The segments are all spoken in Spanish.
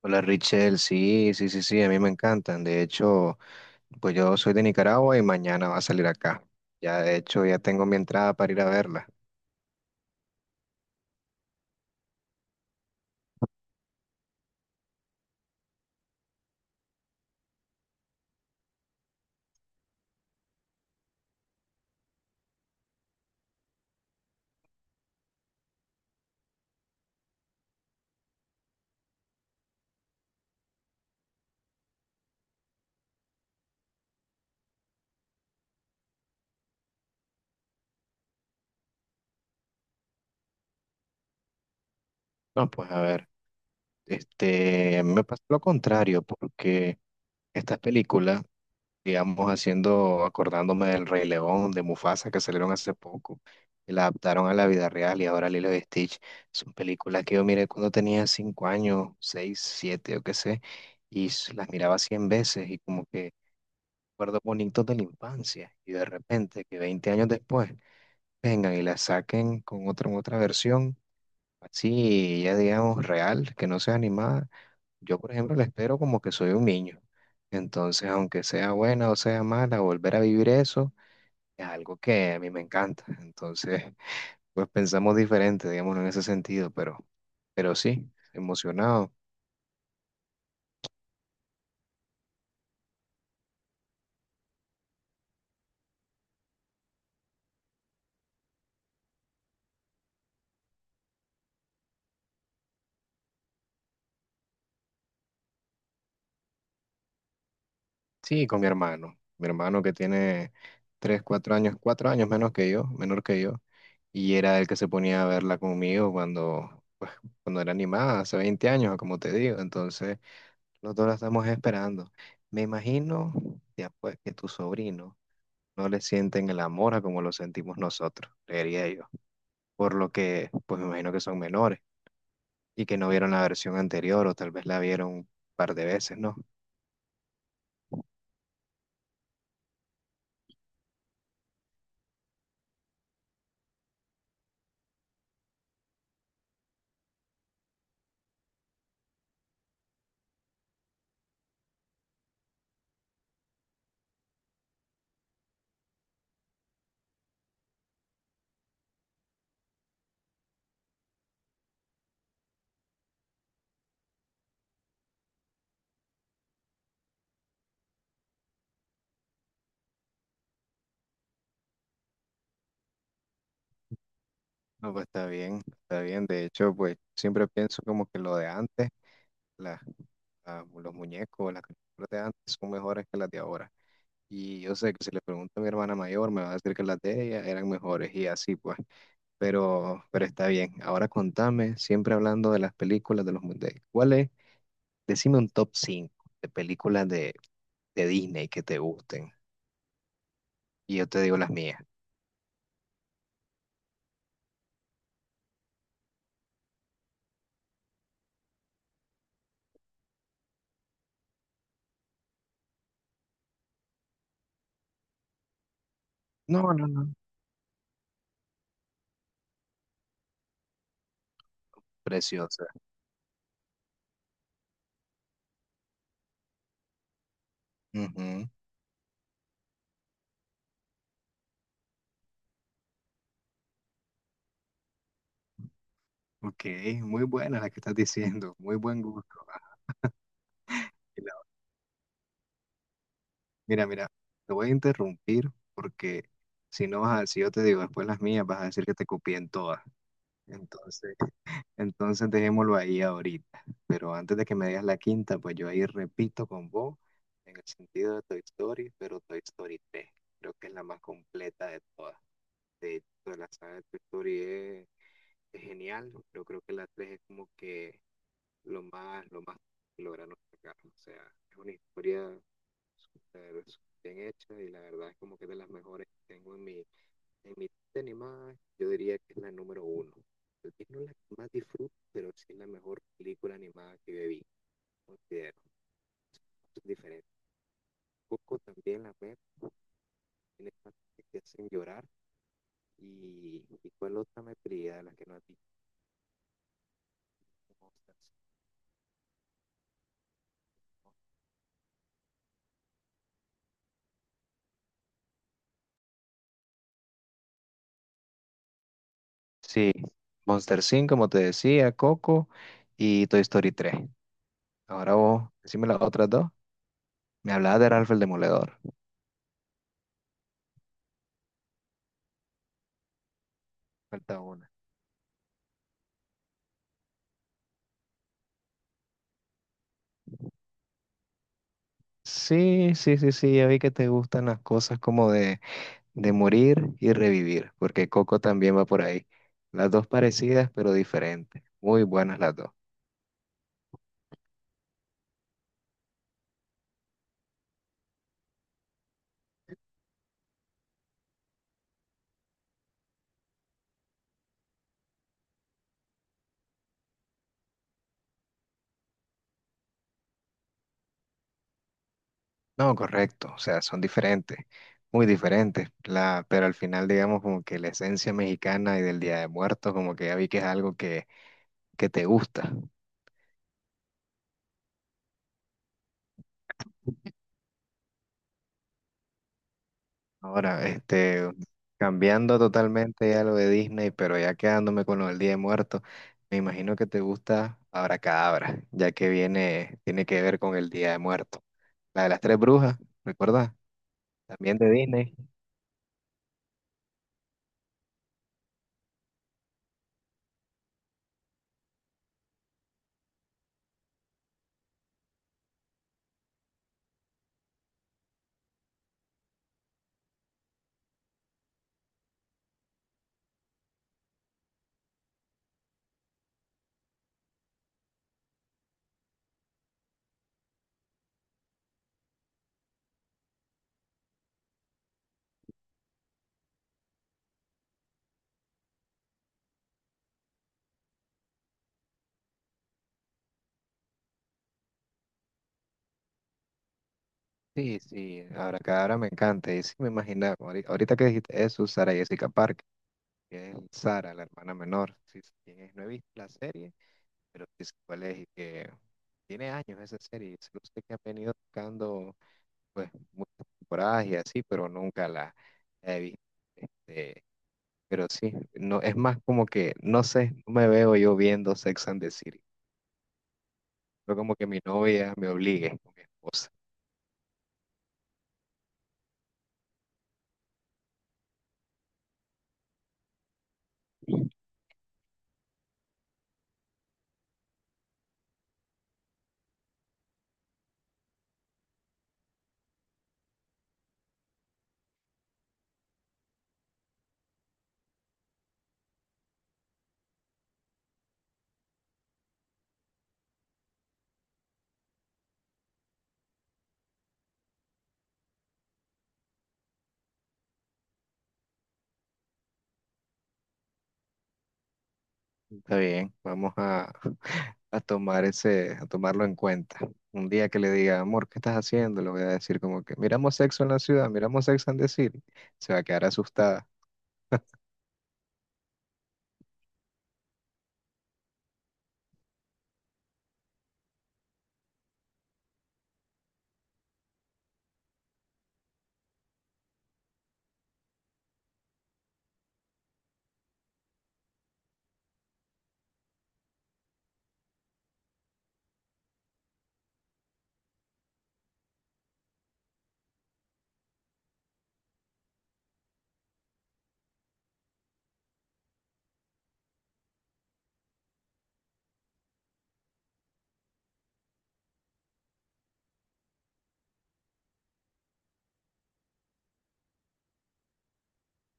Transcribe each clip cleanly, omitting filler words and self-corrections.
Hola Richel, sí, sí, sí, sí, a mí me encantan. De hecho, pues yo soy de Nicaragua y mañana va a salir acá. Ya, de hecho, ya tengo mi entrada para ir a verla. No, pues a ver, a mí me pasa lo contrario, porque estas películas, digamos, haciendo, acordándome del Rey León, de Mufasa, que salieron hace poco, y la adaptaron a la vida real y ahora Lilo y Stitch, son películas que yo miré cuando tenía 5 años, seis, siete, yo qué sé, y las miraba 100 veces y como que recuerdos bonitos de la infancia y de repente que 20 años después vengan y la saquen con otra versión, así ya digamos real, que no sea animada, yo por ejemplo la espero como que soy un niño. Entonces, aunque sea buena o sea mala, volver a vivir eso es algo que a mí me encanta. Entonces, pues pensamos diferente, digamos, en ese sentido, pero sí, emocionado. Sí, con mi hermano que tiene tres, 4 años, 4 años menos que yo, menor que yo. Y era el que se ponía a verla conmigo cuando, pues, cuando era animada, hace 20 años, como te digo. Entonces, nosotros la estamos esperando. Me imagino, ya pues, que tu sobrino no le sienten el amor a como lo sentimos nosotros, creería yo. Por lo que, pues me imagino que son menores y que no vieron la versión anterior o tal vez la vieron un par de veces, ¿no? No, pues está bien, está bien. De hecho, pues siempre pienso como que lo de antes, la- los muñecos, las caricaturas de antes son mejores que las de ahora. Y yo sé que si le pregunto a mi hermana mayor, me va a decir que las de ella eran mejores y así pues. Pero está bien. Ahora contame, siempre hablando de las películas de los mundiales. ¿Cuál es? Decime un top 5 de películas de Disney que te gusten. Y yo te digo las mías. No, no, no. Preciosas. Ujú. Ok, muy buena la que estás diciendo. Muy buen gusto. Ah, y la- mira, mira, te voy a interrumpir porque si no, si yo te digo después las mías, vas a decir que te copié en todas. Entonces. Entonces dejémoslo ahí ahorita. Pero antes de que me digas la quinta, pues yo ahí repito con vos en el sentido de Toy Story, pero Toy Story 3, creo que es la más completa de todas. De toda la saga de Toy Story es genial, pero creo que la 3 es como que lo más que lograron sacar. O sea, es una historia súper súper bien hecha y la verdad es como que es de las mejores que tengo en mi, en mi de animada, yo diría que es la número uno. Tal vez no es la que más disfruto, pero sí es la mejor película animada que bebí, considero. Es diferente. Coco también la veo, tiene partes que te hacen llorar. ¿Y, cuál otra me perdí de la que no has visto? Monsters, ¿no? Sí, Monster cinco como te decía, Coco y Toy Story 3. Ahora vos, decime las otras dos. Me hablabas de Ralph el Demoledor. Falta una. Sí, sí, sí, sí, ya vi que te gustan las cosas como de morir y revivir, porque Coco también va por ahí. Las dos parecidas, pero diferentes. Muy buenas las dos. No, correcto, o sea, son diferentes, muy diferentes, pero al final digamos como que la esencia mexicana y del Día de Muertos, como que ya vi que es algo que te gusta. Ahora, cambiando totalmente ya lo de Disney, pero ya quedándome con lo del Día de Muertos, me imagino que te gusta Abracadabra, ya que viene, tiene que ver con el Día de Muertos. La de las tres brujas, ¿recuerdas? También de Disney. Sí, sí, Abracadabra me encanta. Y sí me imaginaba, ahorita que dijiste eso, Sara Jessica Parker, que es Sara, la hermana menor. Sí, sé quién es, no he visto la serie, pero sí sé cuál es y que tiene años esa serie. Solo sé que han venido tocando pues muchas temporadas y así, pero nunca la he visto. Este, pero sí, no, es más como que, no sé, no me veo yo viendo Sex and the City. Pero como que mi novia me obligue con mi esposa. Está bien, vamos a tomar ese, a tomarlo en cuenta. Un día que le diga, amor, ¿qué estás haciendo? Le voy a decir como que, miramos Sexo en la ciudad, miramos Sex and the City. Se va a quedar asustada.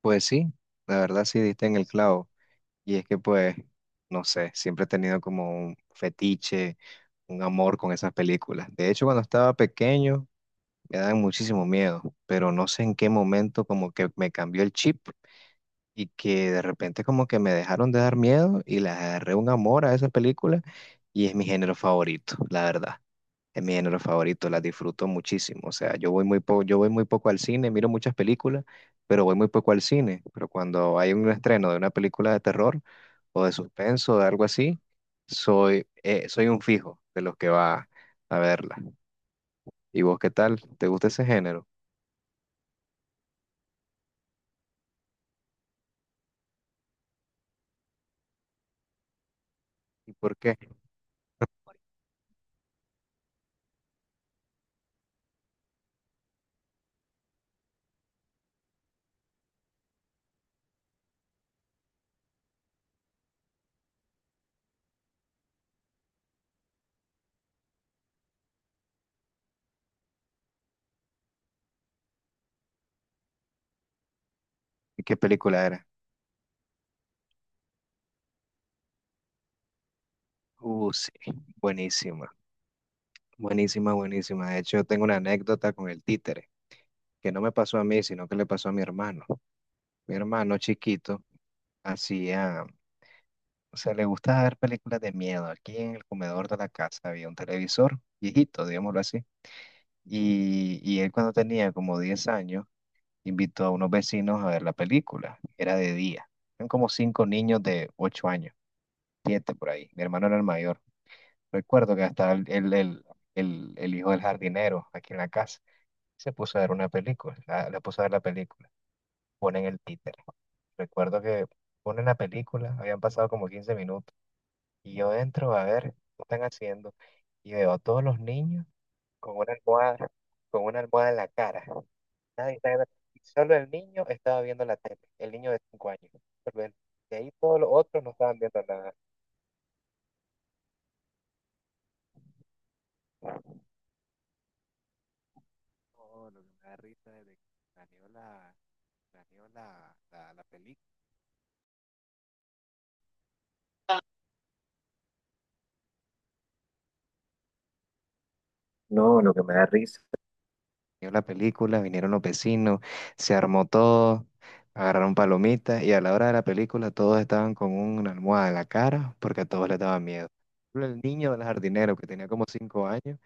Pues sí, la verdad sí diste en el clavo. Y es que pues, no sé, siempre he tenido como un fetiche un amor con esas películas. De hecho, cuando estaba pequeño me daban muchísimo miedo, pero no sé en qué momento como que me cambió el chip y que de repente como que me dejaron de dar miedo y le agarré un amor a esa película y es mi género favorito, la verdad. Es mi género favorito, las disfruto muchísimo. O sea, yo voy muy poco al cine, miro muchas películas, pero voy muy poco al cine. Pero cuando hay un estreno de una película de terror o de suspenso o de algo así, soy un fijo de los que va a verla. ¿Y vos qué tal? ¿Te gusta ese género? ¿Y por qué? ¿Y qué película era? Sí, buenísima, buenísima, buenísima. De hecho, yo tengo una anécdota con el títere, que no me pasó a mí, sino que le pasó a mi hermano. Mi hermano chiquito hacía o sea, le gustaba ver películas de miedo. Aquí en el comedor de la casa había un televisor viejito, digámoslo así. Y él cuando tenía como 10 años, invitó a unos vecinos a ver la película. Era de día. Eran como cinco niños de 8 años, 7 por ahí. Mi hermano era el mayor. Recuerdo que hasta el hijo del jardinero aquí en la casa se puso a ver una película. La puso a ver la película. Ponen el títere. Recuerdo que ponen la película. Habían pasado como 15 minutos. Y yo entro a ver qué están haciendo y veo a todos los niños con una almohada, con una almohada en la cara. Nadie está Solo el niño estaba viendo la tele, el niño de 5 años. Solo él. De ahí todos los otros no estaban viendo nada. No, lo que me da risa es de que planeó la película. No, lo que me da risa, vio la película, vinieron los vecinos, se armó todo, agarraron palomitas y a la hora de la película todos estaban con una almohada en la cara porque a todos les daba miedo. Solo el niño del jardinero que tenía como 5 años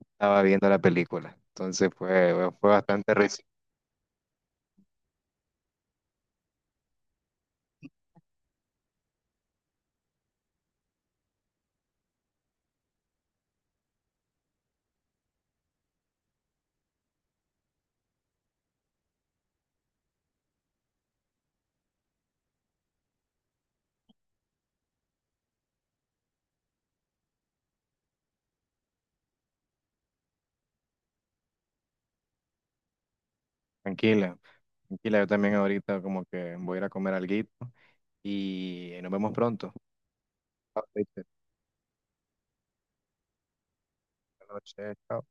estaba viendo la película. Entonces fue bastante risa. Tranquila, tranquila, yo también ahorita como que voy a ir a comer alguito y nos vemos pronto. Chao, Richard. Buenas noches, chao.